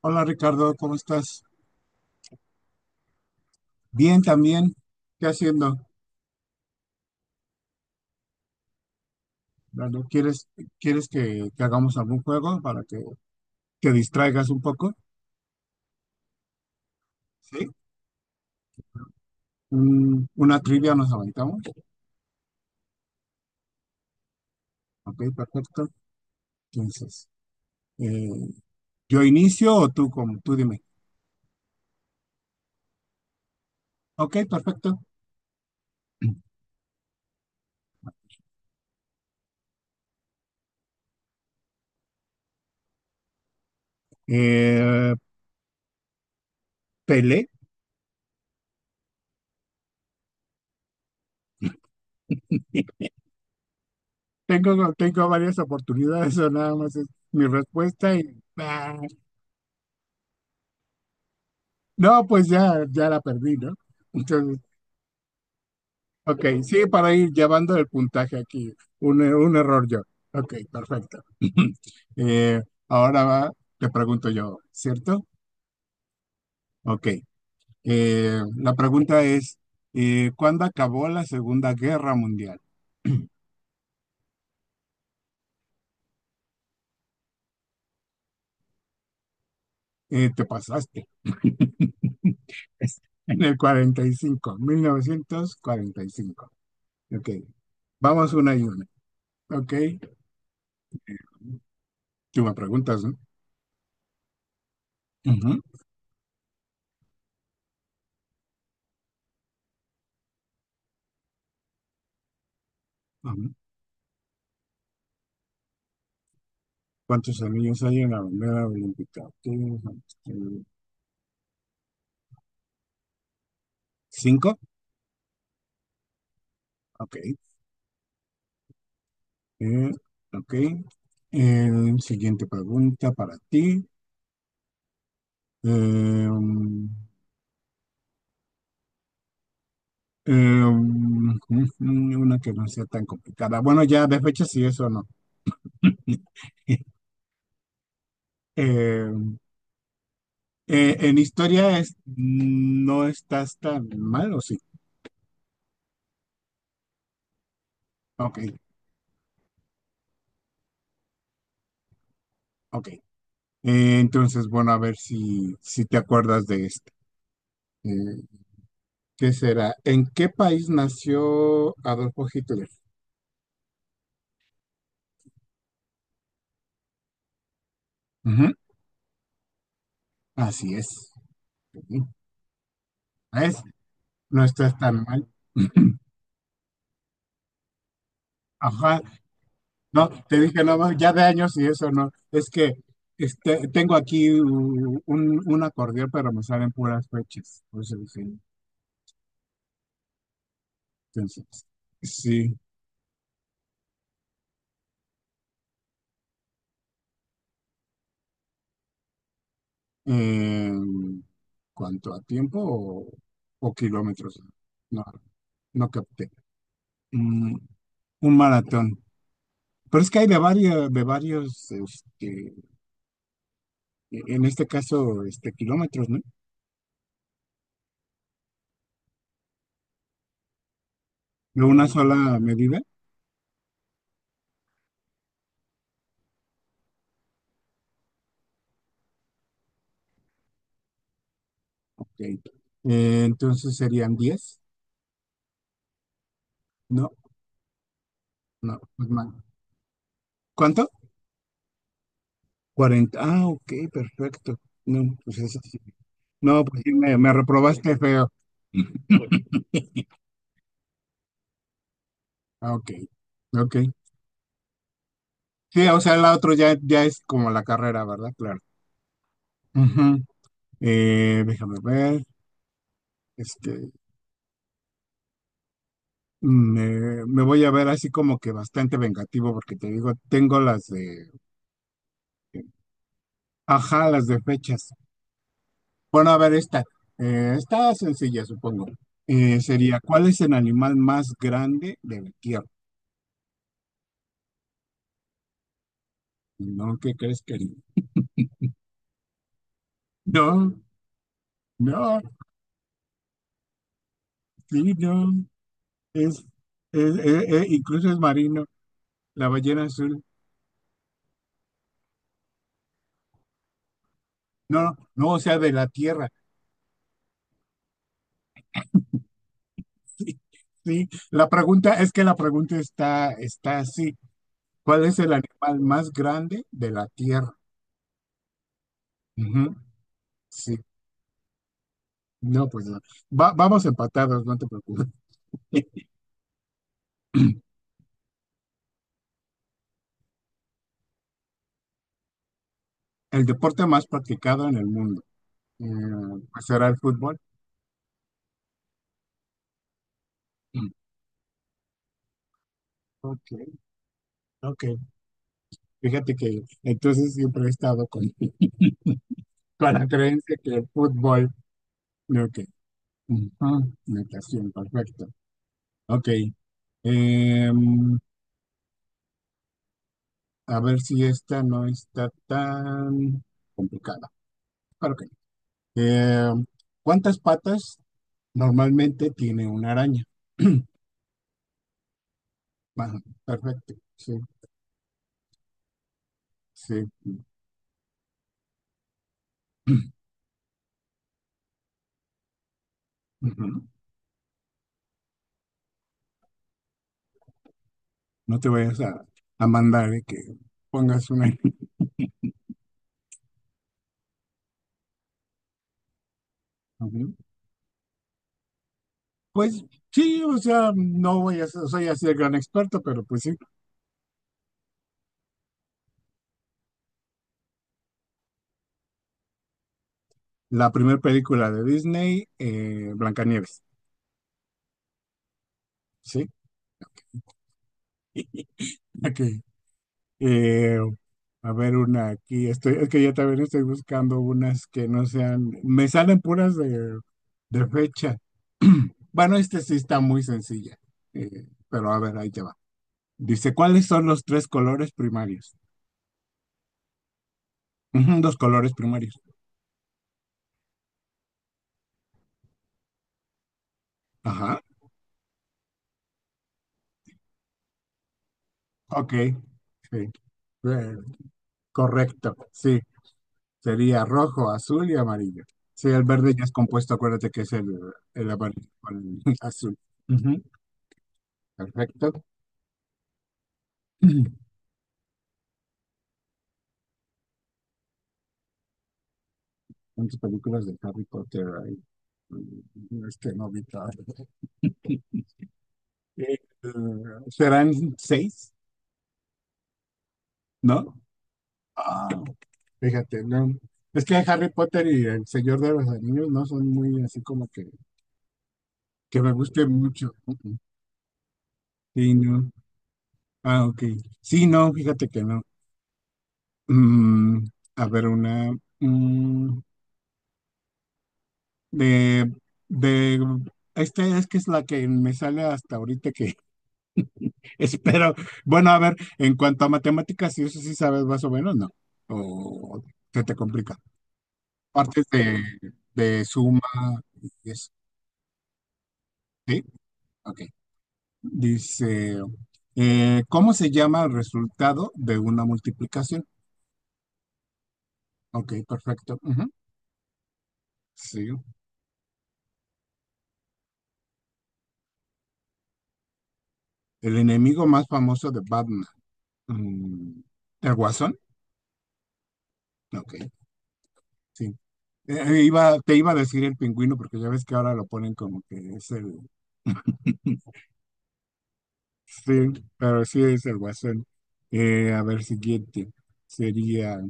Hola Ricardo, ¿cómo estás? Bien también. ¿Qué haciendo? Bueno, ¿quieres que hagamos algún juego para que te distraigas un poco? ¿Sí? Una trivia nos aventamos. Ok, perfecto. Entonces, eh, ¿yo inicio o tú, como, tú dime? Ok, perfecto. Eh, Pelé. Tengo varias oportunidades o nada más es mi respuesta y... ah, no, pues ya, ya la perdí, ¿no? Entonces... Ok, sí, para ir llevando el puntaje aquí. Un error yo. Ok, perfecto. Eh, ahora va- te pregunto yo, ¿cierto? Ok. La pregunta es, ¿cuándo acabó la Segunda Guerra Mundial? Te pasaste, en el cuarenta y cinco, 1945. Ok, vamos una y una. Ok, tú me preguntas, ¿no? Ujú, ujú. ¿Cuántos anillos hay en la bandera olímpica? Ok, ujú. ¿Cinco? Ok. Eh, ok. Siguiente pregunta para ti. Eh, Em, em, una que no sea tan complicada. Bueno, ya de fecha sí, eso no. Em, en historia es, no estás tan mal, ¿o sí? Ok, ok. Entonces, bueno, a ver si te acuerdas de este. Eh, ¿Qué será? ¿En qué país nació Adolfo Hitler? Ujú, así es. Ujú. Es no estás tan mal. Ajá, no, te dije, no, no, ya de años y eso no. Es que este, tengo aquí un acordeón, pero me salen puras fechas. Por eso dije, entonces, sí. em, ¿cuánto a tiempo o kilómetros? No, no capté. Mm, un maratón. Pero es que hay de varios, este, en este caso, este, kilómetros, ¿no? De una sola medida. Ok. Entonces serían 10. No, no, pues mal. ¿Cuánto? 40. Ah, ok, perfecto. No, pues eso sí. No, pues sí, me reprobaste feo. Ah, ok, ok. Sí, o sea, la otra ya es como la carrera, ¿verdad? Claro. Ujú. Déjame ver. Este, me voy a ver así como que bastante vengativo porque te digo, tengo las de, ajá, las de fechas. Bueno, a ver, esta, está sencilla, supongo. Sería, ¿cuál es el animal más grande de la Tierra? No, ¿qué crees, querido? No, no, sí, no. Es, incluso es marino, la ballena azul. No, no, o sea, de la Tierra. Sí, sí. Es que la pregunta está así. ¿Cuál es el animal más grande de la Tierra? Ujú, sí, no, pues no. Vamos empatados, no te preocupes. El deporte más practicado en el mundo, eh, pues era el fútbol. Mm. Ok, ok. Fíjate que entonces siempre he estado con, con la creencia que el fútbol, ok. Ujú, natación, perfecto. Ok. em, a ver si esta no está tan complicada. Claro que no. ¿Cuántas patas normalmente tiene una araña? Ajá, perfecto. Sí, sí. Ujú. No te vayas a mandar de que pongas una. Ujú. Pues sí, o sea, no voy a ser, soy así de gran experto, pero pues sí, la primera película de Disney, Blancanieves, ¿sí? Ok. Eh, a ver, una aquí, estoy, es que ya también estoy buscando unas que no sean, me salen puras de fecha. Bueno, este sí está muy sencilla, pero a ver, ahí te va. Dice, ¿cuáles son los tres colores primarios? Ujú, los colores primarios. Ajá. Ok, sí. Eh, correcto, sí. Sería rojo, azul y amarillo. Sí, el verde ya es compuesto, acuérdate que es el amarillo con el azul. Ujú, perfecto. ¿Cuántas películas de Harry Potter hay? Mm. Es que no vi todas. Eh, ¿serán seis? ¿No? Ah, fíjate, no. Es que Harry Potter y El Señor de los Anillos no son muy así como que me gusten mucho. Ujú. Sí, no. Ah, ok. Sí, no, fíjate que no. Mm, a ver, una mm, de, de esta es que es la que me sale hasta ahorita que espero. Bueno, a ver, en cuanto a matemáticas, si eso sí sabes más o menos, ¿no? O se te complica. Partes de suma y eso. Sí, ok. Dice, ¿cómo se llama el resultado de una multiplicación? Ok, perfecto. Ujú, sí. El enemigo más famoso de Batman. Mm, ¿El Guasón? Ok, sí. Te iba a decir el pingüino porque ya ves que ahora lo ponen como que es el... Sí, pero sí es el Guasón. A ver, siguiente. Sería...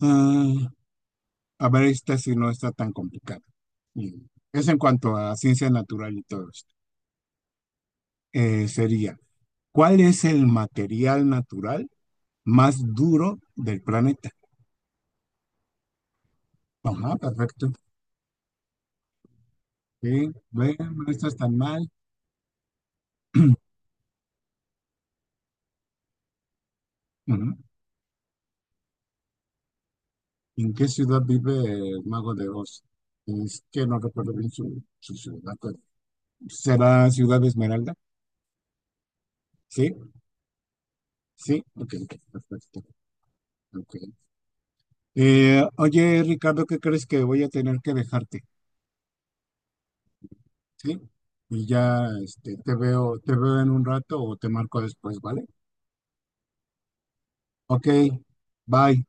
ah, a ver, esta si no está tan complicada. Mm, Es en cuanto a ciencia natural y todo esto. Sería, ¿cuál es el material natural más duro del planeta? Ajá, perfecto. Sí, ve, no estás tan mal. Ujú. ¿En qué ciudad vive el Mago de Oz? Es que no recuerdo bien su ciudad. ¿Será Ciudad Esmeralda? Sí, sí, ok, ok, perfecto. Ok. Oye, Ricardo, ¿qué crees que voy a tener que dejarte? Sí, y ya este, te veo en un rato o te marco después, ¿vale? Ok, bye.